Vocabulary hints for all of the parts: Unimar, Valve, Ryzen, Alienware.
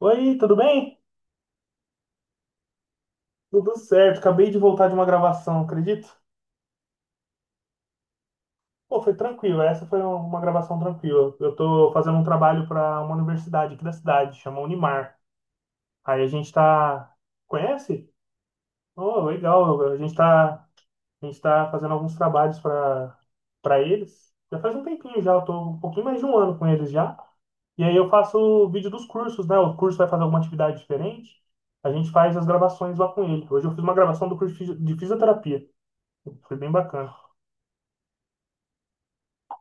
Oi, tudo bem? Tudo certo. Acabei de voltar de uma gravação, acredito? Pô, foi tranquilo. Essa foi uma gravação tranquila. Eu tô fazendo um trabalho para uma universidade aqui da cidade, chama Unimar. Aí a gente tá. Conhece? Oh, legal. A gente tá fazendo alguns trabalhos para eles. Já faz um tempinho já, eu tô um pouquinho mais de um ano com eles já. E aí eu faço o vídeo dos cursos, né? O curso vai fazer alguma atividade diferente. A gente faz as gravações lá com ele. Hoje eu fiz uma gravação do curso de fisioterapia. Foi bem bacana.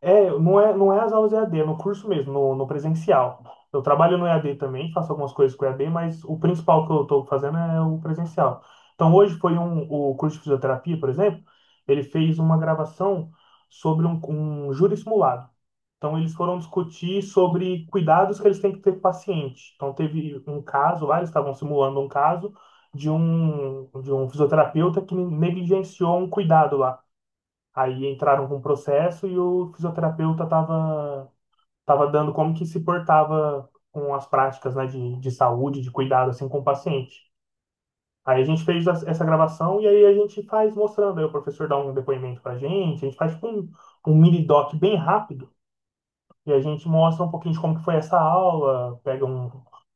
É, não é, não é as aulas EAD, é no curso mesmo, no presencial. Eu trabalho no EAD também, faço algumas coisas com EAD, mas o principal que eu estou fazendo é o presencial. Então, hoje foi um, o curso de fisioterapia, por exemplo, ele fez uma gravação sobre um, um júri simulado. Então, eles foram discutir sobre cuidados que eles têm que ter com o paciente. Então, teve um caso lá, eles estavam simulando um caso de um fisioterapeuta que negligenciou um cuidado lá. Aí entraram com um processo e o fisioterapeuta estava tava dando como que se portava com as práticas, né, de saúde, de cuidado, assim, com o paciente. Aí a gente fez essa gravação e aí a gente faz mostrando, aí o professor dá um depoimento pra gente, a gente faz tipo um, um mini doc bem rápido e a gente mostra um pouquinho de como que foi essa aula, pega um,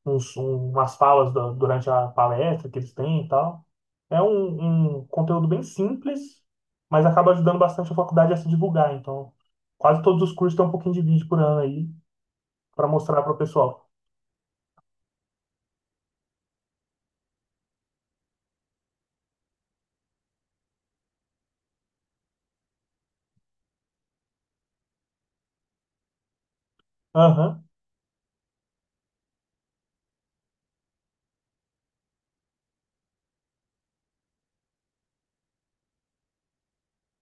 umas falas durante a palestra que eles têm e tal. É um, um conteúdo bem simples, mas acaba ajudando bastante a faculdade a se divulgar. Então, quase todos os cursos têm um pouquinho de vídeo por ano aí para mostrar para o pessoal. Aham,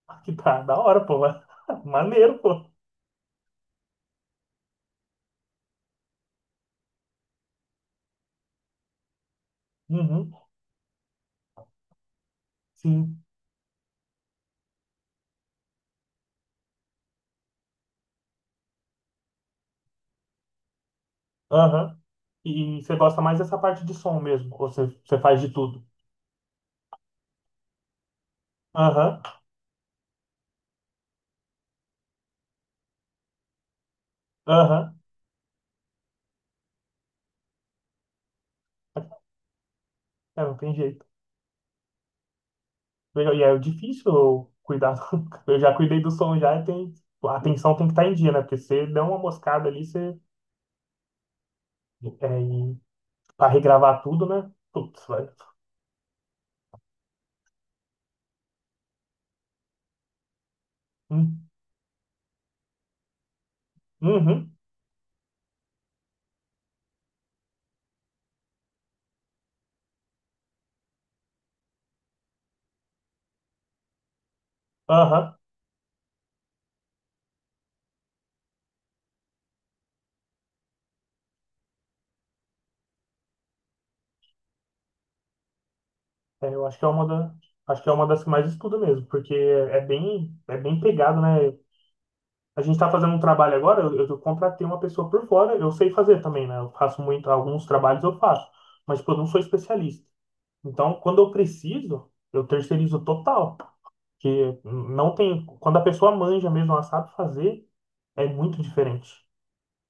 que tá, da hora, pô. Maneiro, pô. Uhum, sim, aham. E você gosta mais dessa parte de som mesmo, ou você, você faz de tudo? Aham, aham. É, não tem jeito. E é difícil eu cuidar do. Eu já cuidei do som já e tem... a atenção tem que estar em dia, né? Porque você dá uma moscada ali, você. É, e para regravar tudo, né? Putz, vai. Hum. Uhum. Aham. É, eu acho que é uma da... Acho que é uma das que mais estuda mesmo, porque é bem pegado, né? A gente está fazendo um trabalho agora, eu contratei uma pessoa por fora, eu sei fazer também, né? Eu faço muito, alguns trabalhos eu faço, mas tipo, eu não sou especialista. Então, quando eu preciso, eu terceirizo total. Que não tem, quando a pessoa manja mesmo, ela sabe fazer, é muito diferente.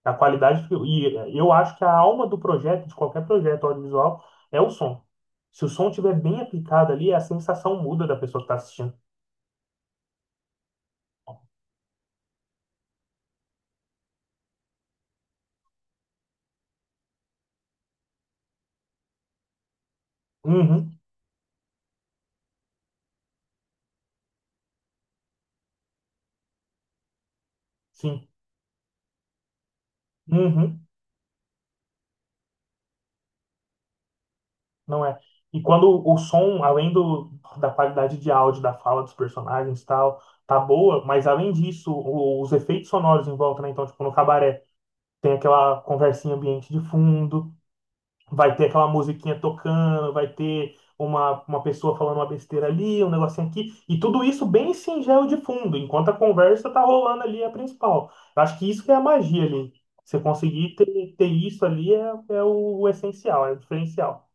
A qualidade, e eu acho que a alma do projeto, de qualquer projeto audiovisual, é o som. Se o som estiver bem aplicado ali, a sensação muda da pessoa que está assistindo. Uhum, sim, uhum, não é. E quando o som, além da qualidade de áudio, da fala dos personagens e tal, tá boa, mas além disso, os efeitos sonoros em volta, né? Então, tipo, no cabaré, tem aquela conversinha ambiente de fundo. Vai ter aquela musiquinha tocando, vai ter uma pessoa falando uma besteira ali, um negocinho aqui, e tudo isso bem singelo de fundo, enquanto a conversa tá rolando ali a principal. Eu acho que isso que é a magia ali. Você conseguir ter, ter isso ali é, é o essencial, é o diferencial.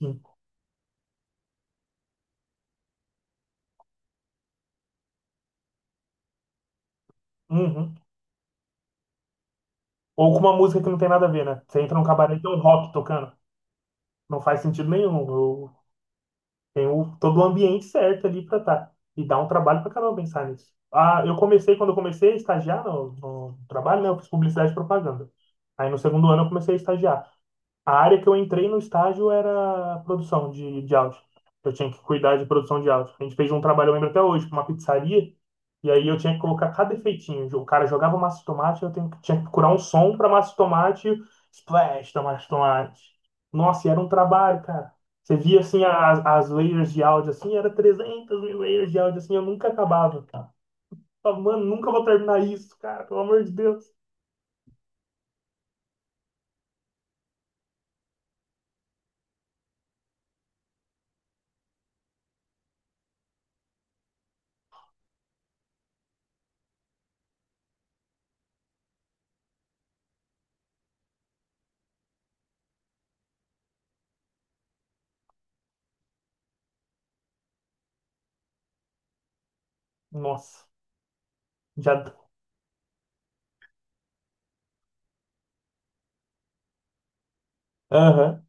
Sim. Uhum. Ou com uma música que não tem nada a ver, né? Você entra num cabaré e tem um rock tocando. Não faz sentido nenhum. Tem o, todo o ambiente certo ali para estar. E dá um trabalho para caramba pensar nisso. Ah, eu comecei, quando eu comecei a estagiar no trabalho, né, eu fiz publicidade e propaganda. Aí no segundo ano eu comecei a estagiar. A área que eu entrei no estágio era produção de áudio. Eu tinha que cuidar de produção de áudio. A gente fez um trabalho, eu lembro até hoje, para uma pizzaria, e aí eu tinha que colocar cada efeitinho. O cara jogava massa de tomate, tinha que procurar um som para massa de tomate, splash da massa de tomate. Nossa, e era um trabalho, cara. Você via, assim, as layers de áudio, assim, era 300 mil layers de áudio, assim, eu nunca acabava, cara. Eu falava, mano, nunca vou terminar isso, cara, pelo amor de Deus. Nossa, já... Aham,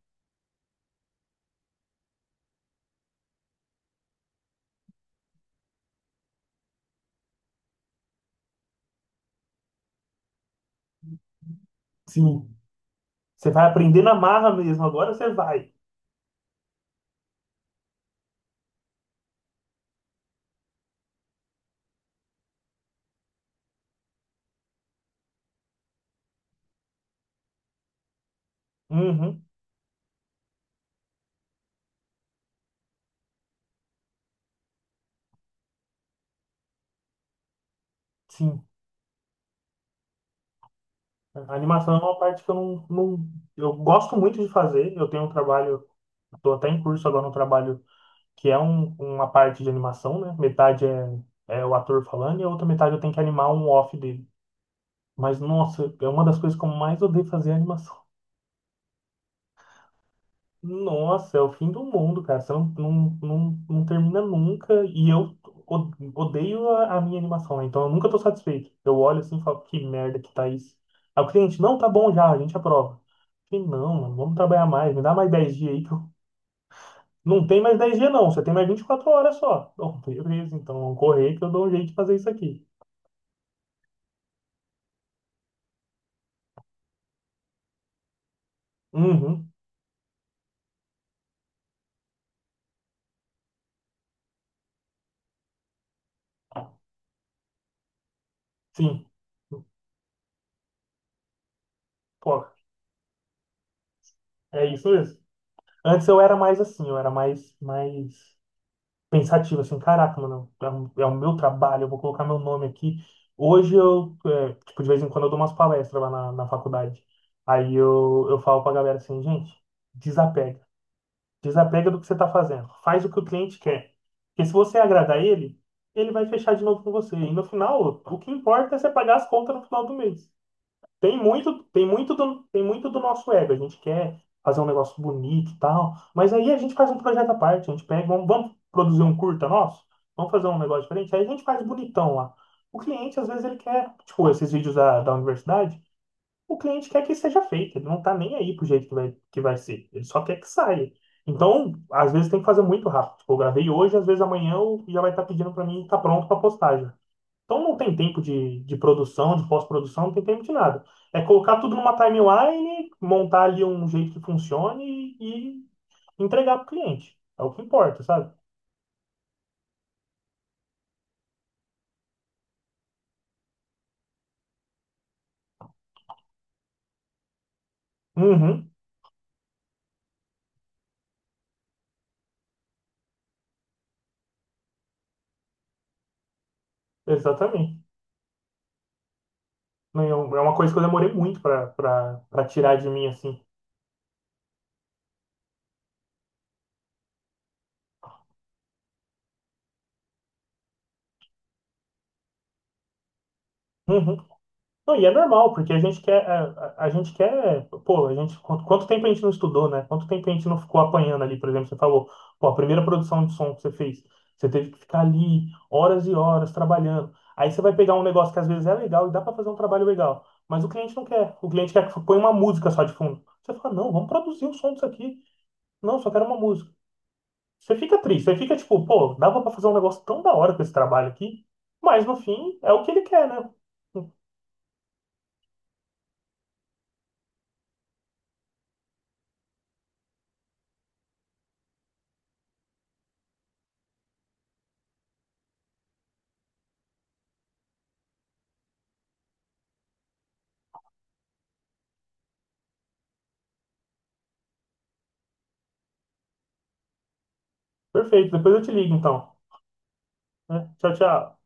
sim. Você vai aprender na marra mesmo, agora você vai. Uhum, sim. A animação é uma parte que eu não, não. Eu gosto muito de fazer. Eu tenho um trabalho, estou até em curso agora no trabalho que é uma parte de animação, né? Metade é, é o ator falando e a outra metade eu tenho que animar um off dele. Mas, nossa, é uma das coisas que eu mais odeio fazer é animação. Nossa, é o fim do mundo, cara. Você não, não, não termina nunca. E eu odeio a minha animação, né? Então eu nunca tô satisfeito. Eu olho assim e falo, que merda que tá isso. Aí o cliente, não, tá bom já, a gente aprova. Eu falei, não, mano, vamos trabalhar mais, me dá mais 10 dias aí que eu... Não tem mais 10 dias, não, você tem mais 24 horas só. Bom, beleza, então vamos correr que eu dou um jeito de fazer isso aqui. Uhum, sim. Pô, é isso mesmo. Antes eu era mais assim, eu era mais, mais pensativo, assim, caraca, mano, é, o é o meu trabalho, eu vou colocar meu nome aqui. Hoje eu, é, tipo, de vez em quando eu dou umas palestras lá na faculdade. Aí eu falo pra galera assim, gente, desapega. Desapega do que você tá fazendo. Faz o que o cliente quer. Porque se você agradar ele, ele vai fechar de novo com você. E no final, o que importa é você pagar as contas no final do mês. Tem muito, tem muito do nosso ego. A gente quer fazer um negócio bonito e tal, mas aí a gente faz um projeto à parte. A gente pega, vamos produzir um curta nosso, vamos fazer um negócio diferente. Aí a gente faz bonitão lá. O cliente, às vezes, ele quer, tipo, esses vídeos da universidade, o cliente quer que seja feito. Ele não tá nem aí pro jeito que vai ser. Ele só quer que saia. Então, às vezes tem que fazer muito rápido. Tipo, eu gravei hoje, às vezes amanhã eu já vai estar pedindo para mim, tá pronto para postagem. Então não tem tempo de produção, de pós-produção, não tem tempo de nada. É colocar tudo numa timeline, montar ali um jeito que funcione e entregar para o cliente. É o que importa, sabe? Uhum, exatamente. Não, é é uma coisa que eu demorei muito para tirar de mim, assim. Uhum. Não, e é normal, porque a gente quer, a gente quer, pô, a gente, quanto, quanto tempo a gente não estudou, né? Quanto tempo a gente não ficou apanhando ali, por exemplo, você falou, pô, a primeira produção de som que você fez, você teve que ficar ali horas e horas trabalhando. Aí você vai pegar um negócio que às vezes é legal e dá para fazer um trabalho legal, mas o cliente não quer. O cliente quer que põe uma música só de fundo. Você fala, não, vamos produzir o som disso aqui. Não, só quero uma música. Você fica triste, você fica tipo, pô, dava para fazer um negócio tão da hora com esse trabalho aqui, mas no fim é o que ele quer, né? Perfeito, depois eu te ligo então. Né? Tchau, tchau.